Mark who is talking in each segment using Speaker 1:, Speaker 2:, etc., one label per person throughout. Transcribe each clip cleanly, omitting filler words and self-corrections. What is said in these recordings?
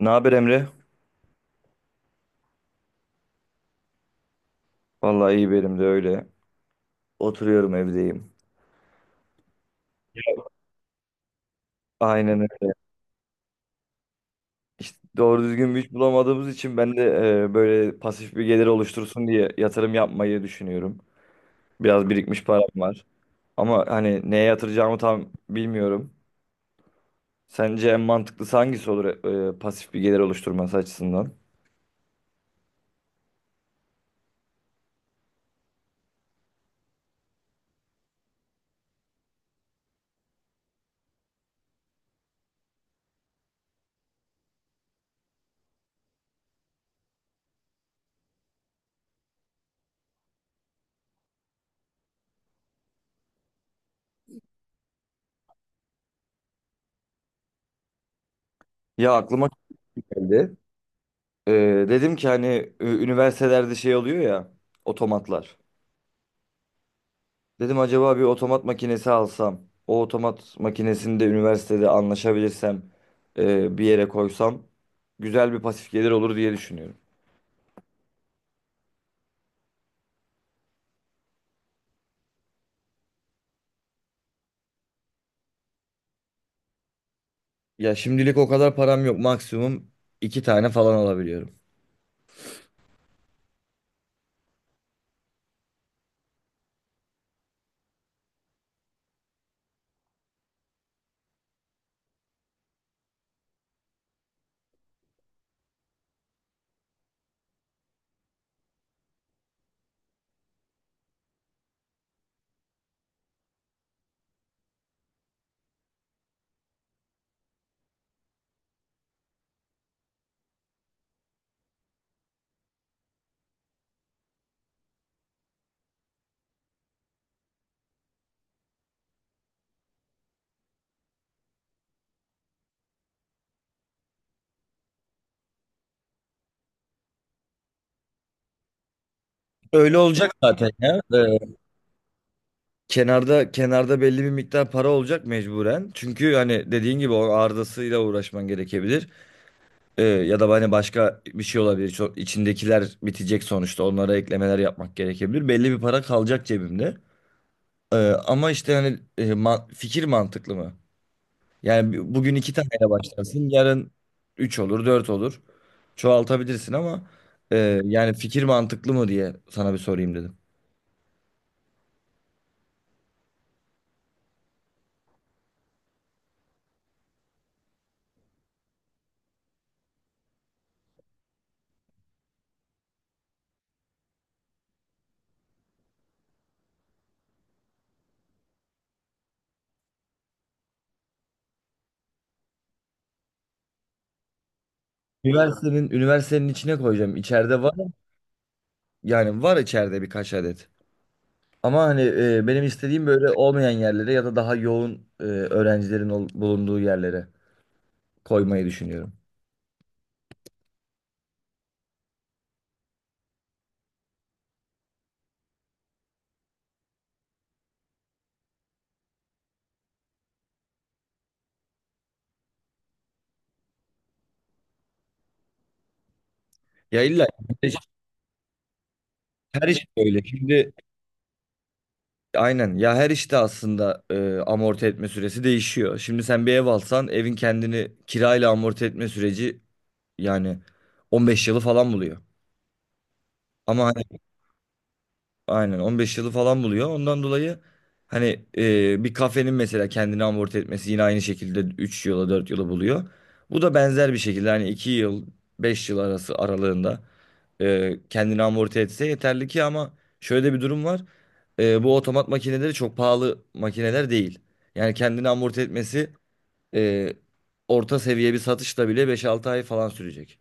Speaker 1: Ne haber Emre? Vallahi iyi, benim de öyle. Oturuyorum, evdeyim. Aynen öyle. İşte doğru düzgün bir iş bulamadığımız için ben de böyle pasif bir gelir oluştursun diye yatırım yapmayı düşünüyorum. Biraz birikmiş param var. Ama hani neye yatıracağımı tam bilmiyorum. Sence en mantıklısı hangisi olur pasif bir gelir oluşturması açısından? Ya aklıma şu geldi. Dedim ki hani üniversitelerde şey oluyor ya, otomatlar. Dedim acaba bir otomat makinesi alsam, o otomat makinesini de üniversitede anlaşabilirsem bir yere koysam güzel bir pasif gelir olur diye düşünüyorum. Ya şimdilik o kadar param yok. Maksimum iki tane falan alabiliyorum. Öyle olacak zaten ya. Kenarda kenarda belli bir miktar para olacak mecburen. Çünkü hani dediğin gibi o ardasıyla uğraşman gerekebilir. Ya da hani başka bir şey olabilir. Çok, içindekiler bitecek sonuçta. Onlara eklemeler yapmak gerekebilir. Belli bir para kalacak cebimde. Ee, ama işte hani fikir mantıklı mı? Yani bugün iki taneyle başlarsın. Yarın üç olur, dört olur. Çoğaltabilirsin ama yani fikir mantıklı mı diye sana bir sorayım dedim. Üniversitenin içine koyacağım. İçeride var. Yani var içeride birkaç adet. Ama hani benim istediğim böyle olmayan yerlere ya da daha yoğun öğrencilerin bulunduğu yerlere koymayı düşünüyorum. Ya illa her iş böyle. Şimdi aynen ya, her işte aslında amorti etme süresi değişiyor. Şimdi sen bir ev alsan evin kendini kirayla amorti etme süreci yani 15 yılı falan buluyor. Ama aynen 15 yılı falan buluyor. Ondan dolayı hani bir kafenin mesela kendini amorti etmesi yine aynı şekilde 3 yıla 4 yıla buluyor. Bu da benzer bir şekilde hani 2 yıl 5 yıl arası aralığında kendini amorti etse yeterli ki, ama şöyle bir durum var. Bu otomat makineleri çok pahalı makineler değil. Yani kendini amorti etmesi e, orta seviye bir satışla bile beş altı ay falan sürecek.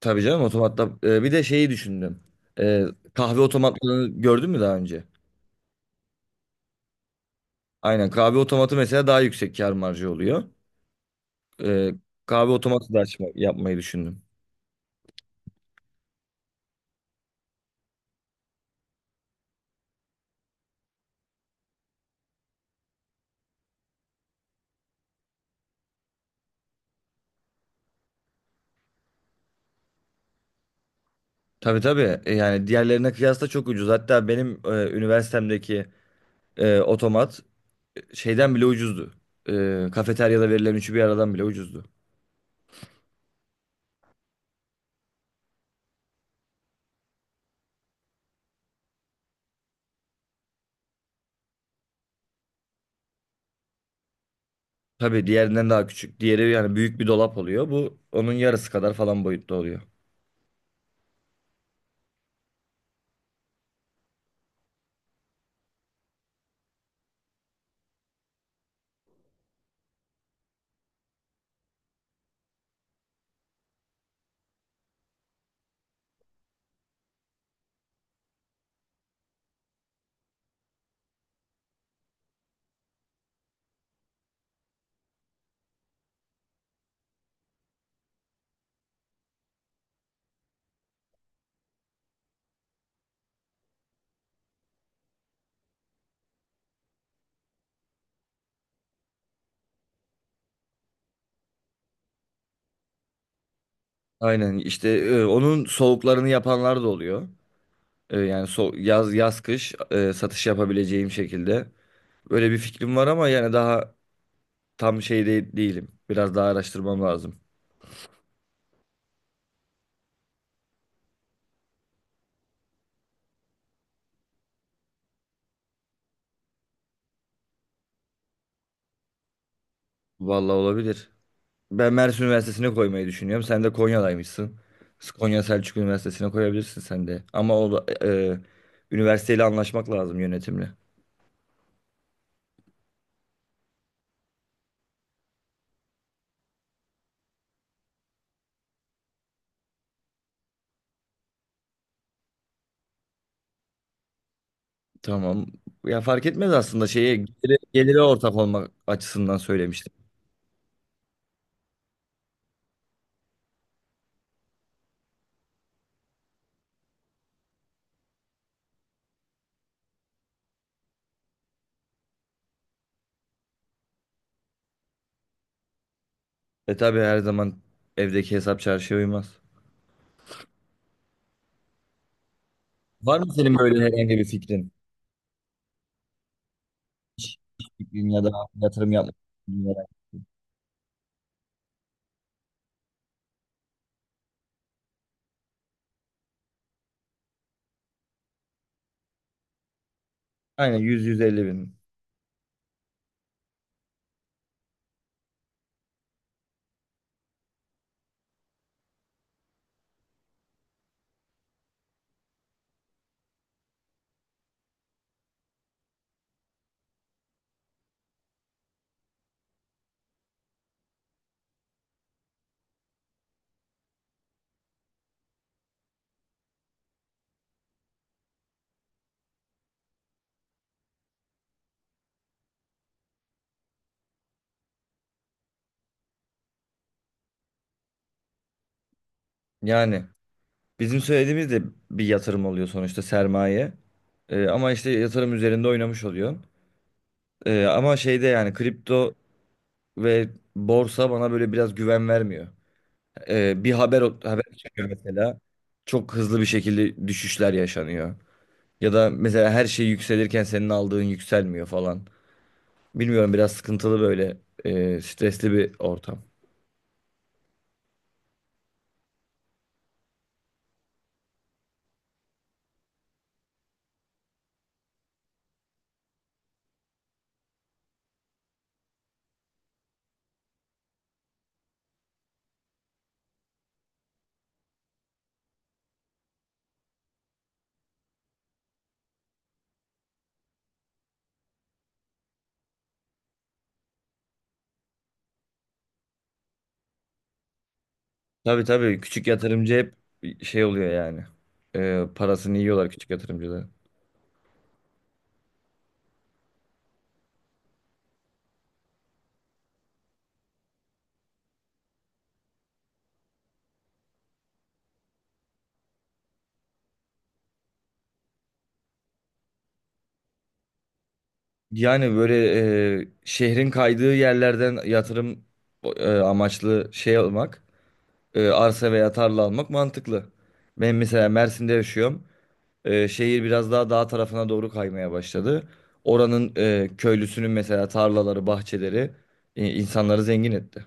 Speaker 1: Tabii canım otomatla. Bir de şeyi düşündüm. Ee, Kahve otomatlarını gördün mü daha önce? Aynen, kahve otomatı mesela daha yüksek kâr marjı oluyor. Ee, Kahve otomatı da açma, yapmayı düşündüm. Tabii tabii. E, yani diğerlerine kıyasla çok ucuz. Hatta benim üniversitemdeki otomat şeyden bile ucuzdu. Kafeteryada verilen üçü bir aradan bile ucuzdu. Tabii diğerinden daha küçük. Diğeri yani büyük bir dolap oluyor. Bu onun yarısı kadar falan boyutta oluyor. Aynen, işte onun soğuklarını yapanlar da oluyor. E, yani so yaz yaz kış satış yapabileceğim şekilde. Böyle bir fikrim var ama yani daha tam şey de değilim. Biraz daha araştırmam lazım. Vallahi olabilir. Ben Mersin Üniversitesi'ne koymayı düşünüyorum. Sen de Konya'daymışsın. Konya Selçuk Üniversitesi'ne koyabilirsin sen de. Ama üniversiteyle anlaşmak lazım, yönetimle. Tamam. Ya fark etmez aslında, şeyi geliri, ortak olmak açısından söylemiştim. E tabii, her zaman evdeki hesap çarşıya uymaz. Var mı senin böyle herhangi bir fikrin? Fikrin ya da yatırım yapmak istediğin yere? Aynen, 100-150 bin. Yani bizim söylediğimiz de bir yatırım oluyor sonuçta, sermaye. E, ama işte yatırım üzerinde oynamış oluyor. Ama şeyde yani kripto ve borsa bana böyle biraz güven vermiyor. Bir haber çıkıyor mesela. Çok hızlı bir şekilde düşüşler yaşanıyor. Ya da mesela her şey yükselirken senin aldığın yükselmiyor falan. Bilmiyorum, biraz sıkıntılı, böyle stresli bir ortam. Tabii tabii, küçük yatırımcı hep şey oluyor yani. Parasını yiyorlar küçük yatırımcılar. Yani böyle şehrin kaydığı yerlerden yatırım amaçlı şey almak, arsa veya tarla almak mantıklı. Ben mesela Mersin'de yaşıyorum. E, şehir biraz daha dağ tarafına doğru kaymaya başladı. Oranın köylüsünün mesela tarlaları, bahçeleri insanları zengin etti.